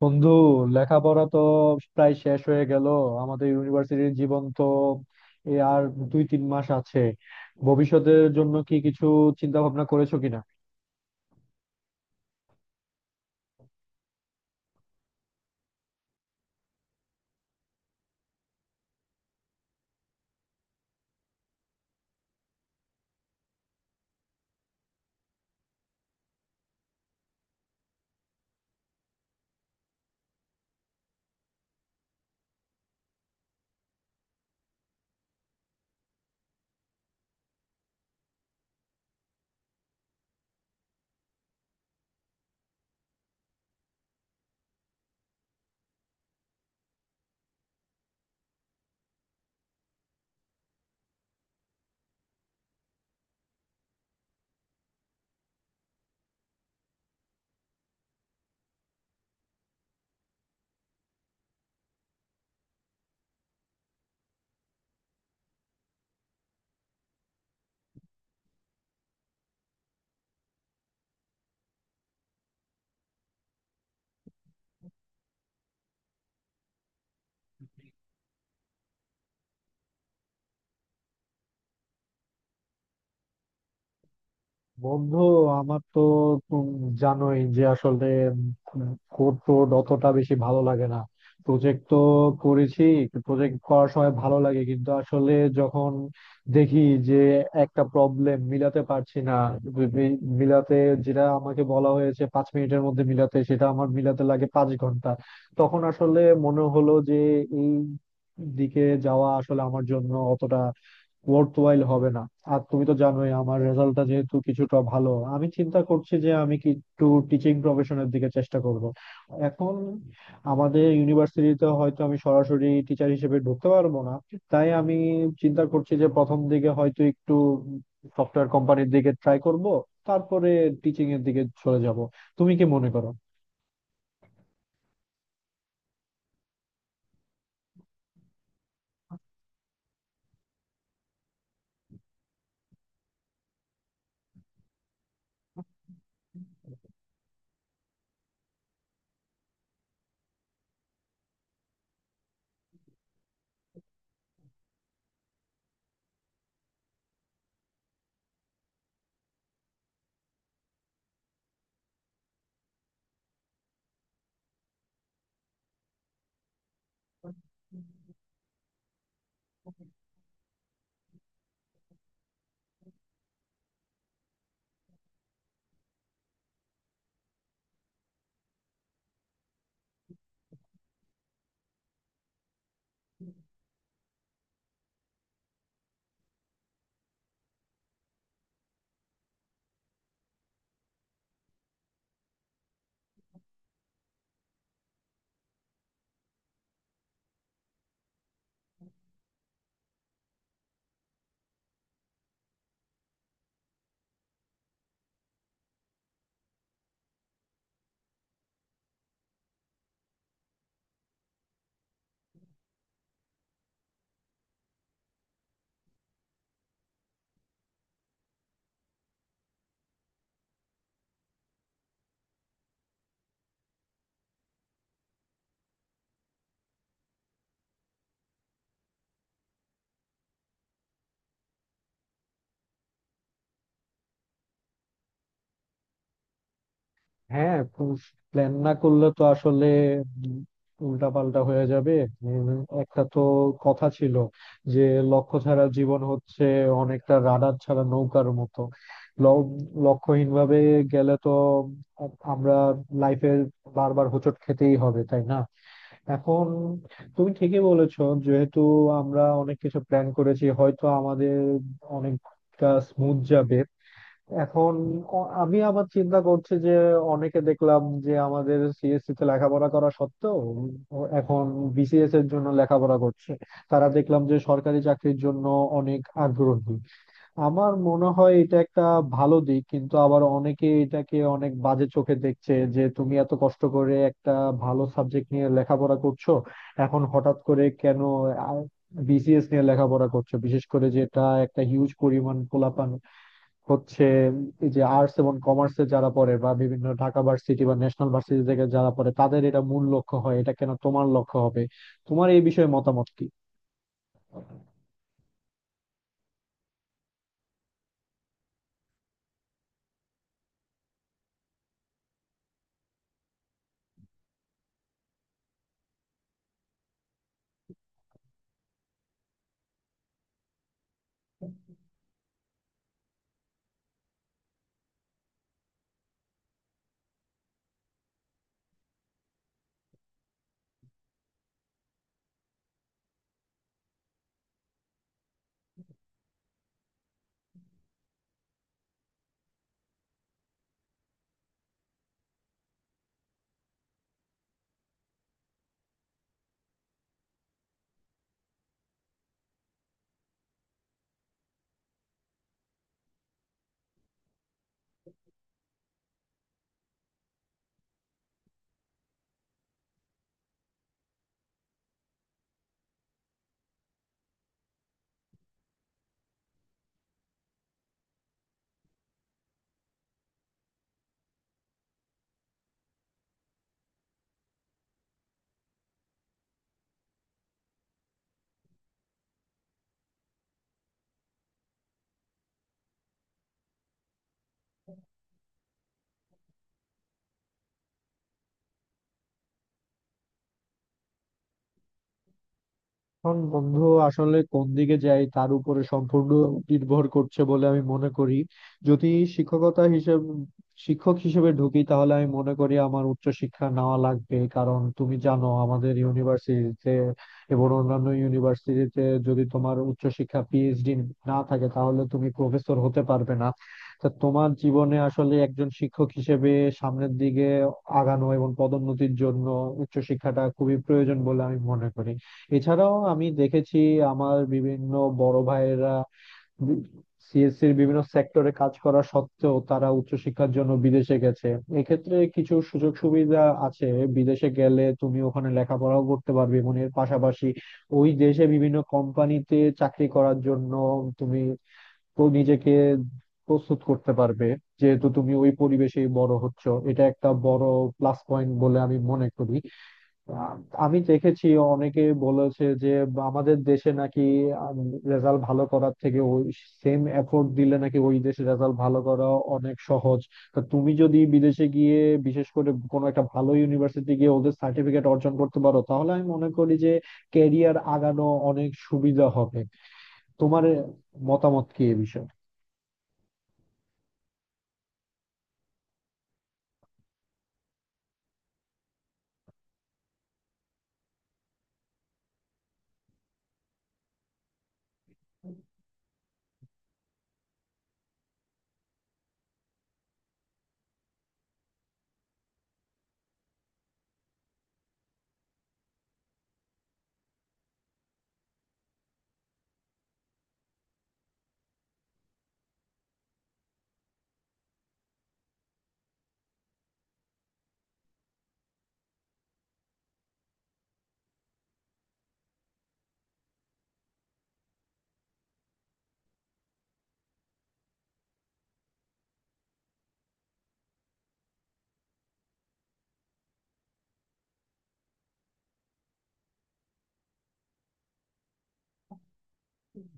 বন্ধু, লেখাপড়া তো প্রায় শেষ হয়ে গেল। আমাদের ইউনিভার্সিটির জীবন তো এই আর দুই তিন মাস আছে। ভবিষ্যতের জন্য কি কিছু চিন্তা ভাবনা করেছো কিনা? বন্ধু, আমার তো জানোই যে আসলে কোড টোড অতটা বেশি ভালো লাগে না। প্রজেক্ট তো করেছি, প্রজেক্ট করার সময় ভালো লাগে, কিন্তু আসলে যখন দেখি যে একটা প্রবলেম মিলাতে পারছি না, বি- বি- মিলাতে, যেটা আমাকে বলা হয়েছে 5 মিনিটের মধ্যে মিলাতে সেটা আমার মিলাতে লাগে 5 ঘন্টা, তখন আসলে মনে হলো যে এই দিকে যাওয়া আসলে আমার জন্য অতটা ওয়ার্থওয়াইল হবে না। আর তুমি তো জানোই আমার রেজাল্টটা যেহেতু কিছুটা ভালো, আমি চিন্তা করছি যে আমি কি একটু টিচিং প্রফেশনের দিকে চেষ্টা করব। এখন আমাদের ইউনিভার্সিটিতে হয়তো আমি সরাসরি টিচার হিসেবে ঢুকতে পারবো না, তাই আমি চিন্তা করছি যে প্রথম দিকে হয়তো একটু সফটওয়্যার কোম্পানির দিকে ট্রাই করব, তারপরে টিচিং এর দিকে চলে যাব। তুমি কি মনে করো? হ্যাঁ, প্ল্যান না করলে তো আসলে উল্টা পাল্টা হয়ে যাবে। উম, একটা তো কথা ছিল যে লক্ষ্য ছাড়া জীবন হচ্ছে অনেকটা রাডার ছাড়া নৌকার মতো। ল- লক্ষ্যহীন ভাবে গেলে তো আমরা লাইফে বারবার হোঁচট খেতেই হবে, তাই না? এখন তুমি ঠিকই বলেছো, যেহেতু আমরা অনেক কিছু প্ল্যান করেছি হয়তো আমাদের অনেকটা স্মুথ যাবে। এখন আমি আবার চিন্তা করছি যে অনেকে দেখলাম যে আমাদের সিএসসি তে লেখাপড়া করা সত্ত্বেও ও এখন বিসিএস এর জন্য লেখাপড়া করছে। তারা দেখলাম যে সরকারি চাকরির জন্য অনেক আগ্রহী। আমার মনে হয় এটা একটা ভালো দিক, কিন্তু আবার অনেকে এটাকে অনেক বাজে চোখে দেখছে যে তুমি এত কষ্ট করে একটা ভালো সাবজেক্ট নিয়ে লেখাপড়া করছো, এখন হঠাৎ করে কেন বিসিএস নিয়ে লেখাপড়া করছো? বিশেষ করে যেটা একটা হিউজ পরিমাণ পোলাপান হচ্ছে, এই যে আর্টস এবং কমার্সে যারা পড়ে বা বিভিন্ন ঢাকা ভার্সিটি বা ন্যাশনাল ভার্সিটি থেকে যারা পড়ে তাদের এটা মূল লক্ষ্য হয়, এটা কেন তোমার লক্ষ্য হবে? তোমার এই বিষয়ে মতামত কি? এখন বন্ধু, আসলে কোন দিকে যাই তার উপরে সম্পূর্ণ নির্ভর করছে বলে আমি মনে করি। যদি শিক্ষকতা হিসেবে, শিক্ষক হিসেবে ঢুকি তাহলে আমি মনে করি আমার উচ্চশিক্ষা নেওয়া লাগবে, কারণ তুমি জানো আমাদের ইউনিভার্সিটিতে এবং অন্যান্য ইউনিভার্সিটিতে যদি তোমার উচ্চশিক্ষা পিএইচডি না থাকে তাহলে তুমি প্রফেসর হতে পারবে না। তা তোমার জীবনে আসলে একজন শিক্ষক হিসেবে সামনের দিকে আগানো এবং পদোন্নতির জন্য উচ্চশিক্ষাটা খুবই প্রয়োজন বলে আমি মনে করি। এছাড়াও আমি দেখেছি আমার বিভিন্ন বড় ভাইয়েরা সিএসসির বিভিন্ন সেক্টরে কাজ করা সত্ত্বেও তারা উচ্চশিক্ষার জন্য বিদেশে গেছে। এক্ষেত্রে কিছু সুযোগ সুবিধা আছে, বিদেশে গেলে তুমি ওখানে লেখাপড়াও করতে পারবে এবং এর পাশাপাশি ওই দেশে বিভিন্ন কোম্পানিতে চাকরি করার জন্য তুমি তো নিজেকে প্রস্তুত করতে পারবে, যেহেতু তুমি ওই পরিবেশেই বড় হচ্ছ। এটা একটা বড় প্লাস পয়েন্ট বলে আমি মনে করি। আ- আমি দেখেছি অনেকে বলেছে যে আমাদের দেশে নাকি রেজাল্ট ভালো করার থেকে ওই সেম এফোর্ট দিলে নাকি ওই দেশে রেজাল্ট ভালো করা অনেক সহজ। তা তুমি যদি বিদেশে গিয়ে বিশেষ করে কোনো একটা ভালো ইউনিভার্সিটি গিয়ে ওদের সার্টিফিকেট অর্জন করতে পারো, তাহলে আমি মনে করি যে ক্যারিয়ার আগানো অনেক সুবিধা হবে। তোমার মতামত কি এ বিষয়ে?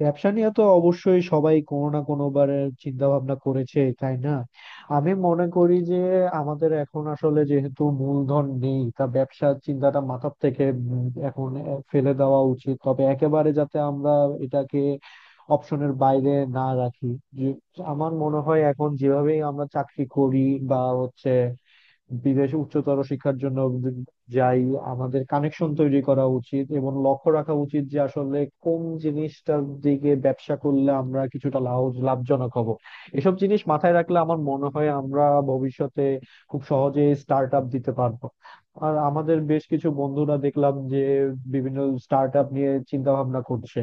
ব্যবসা নিয়ে তো অবশ্যই সবাই কোনো না কোনো বারে চিন্তা ভাবনা করেছে, তাই না? আমি মনে করি যে আমাদের এখন আসলে যেহেতু মূলধন নেই, তা ব্যবসার চিন্তাটা মাথার থেকে এখন ফেলে দেওয়া উচিত। তবে একেবারে যাতে আমরা এটাকে অপশনের বাইরে না রাখি। যে আমার মনে হয় এখন যেভাবেই আমরা চাকরি করি বা হচ্ছে বিদেশে উচ্চতর শিক্ষার জন্য যাই, আমাদের কানেকশন তৈরি করা উচিত এবং লক্ষ্য রাখা উচিত যে আসলে কোন জিনিসটার দিকে ব্যবসা করলে আমরা কিছুটা লাভ, লাভজনক হব। এসব জিনিস মাথায় রাখলে আমার মনে হয় আমরা ভবিষ্যতে খুব সহজে স্টার্ট আপ দিতে পারবো। আর আমাদের বেশ কিছু বন্ধুরা দেখলাম যে বিভিন্ন স্টার্ট আপ নিয়ে চিন্তা ভাবনা করছে।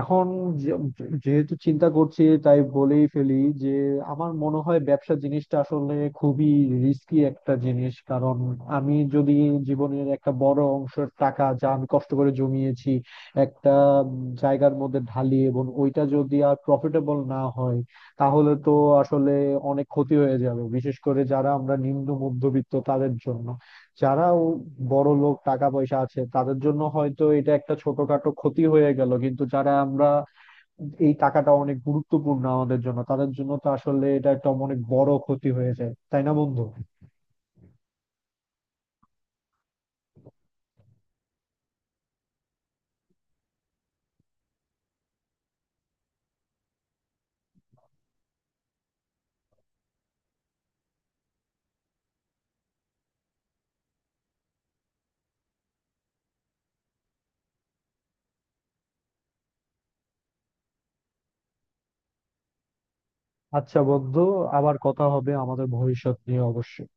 এখন যে- যেহেতু চিন্তা করছি তাই বলেই ফেলি যে আমার মনে হয় ব্যবসা জিনিসটা আসলে খুবই রিস্কি একটা জিনিস। কারণ আমি যদি জীবনের একটা বড় অংশের টাকা, যা আমি কষ্ট করে জমিয়েছি, একটা উম, জায়গার মধ্যে ঢালি এবং ওইটা যদি আর প্রফিটেবল না হয়, তাহলে তো আসলে অনেক ক্ষতি হয়ে যাবে। বিশেষ করে যারা আমরা নিম্ন মধ্যবিত্ত তাদের জন্য। যারা বড় লোক, টাকা পয়সা আছে তাদের জন্য হয়তো এটা একটা ছোটখাটো ক্ষতি হয়ে গেল, কিন্তু যারা আমরা এই টাকাটা অনেক গুরুত্বপূর্ণ আমাদের জন্য, তাদের জন্য তো আসলে এটা একটা অনেক বড় ক্ষতি হয়ে যায়, তাই না বন্ধু? আচ্ছা বন্ধু, আবার কথা হবে আমাদের ভবিষ্যৎ নিয়ে অবশ্যই।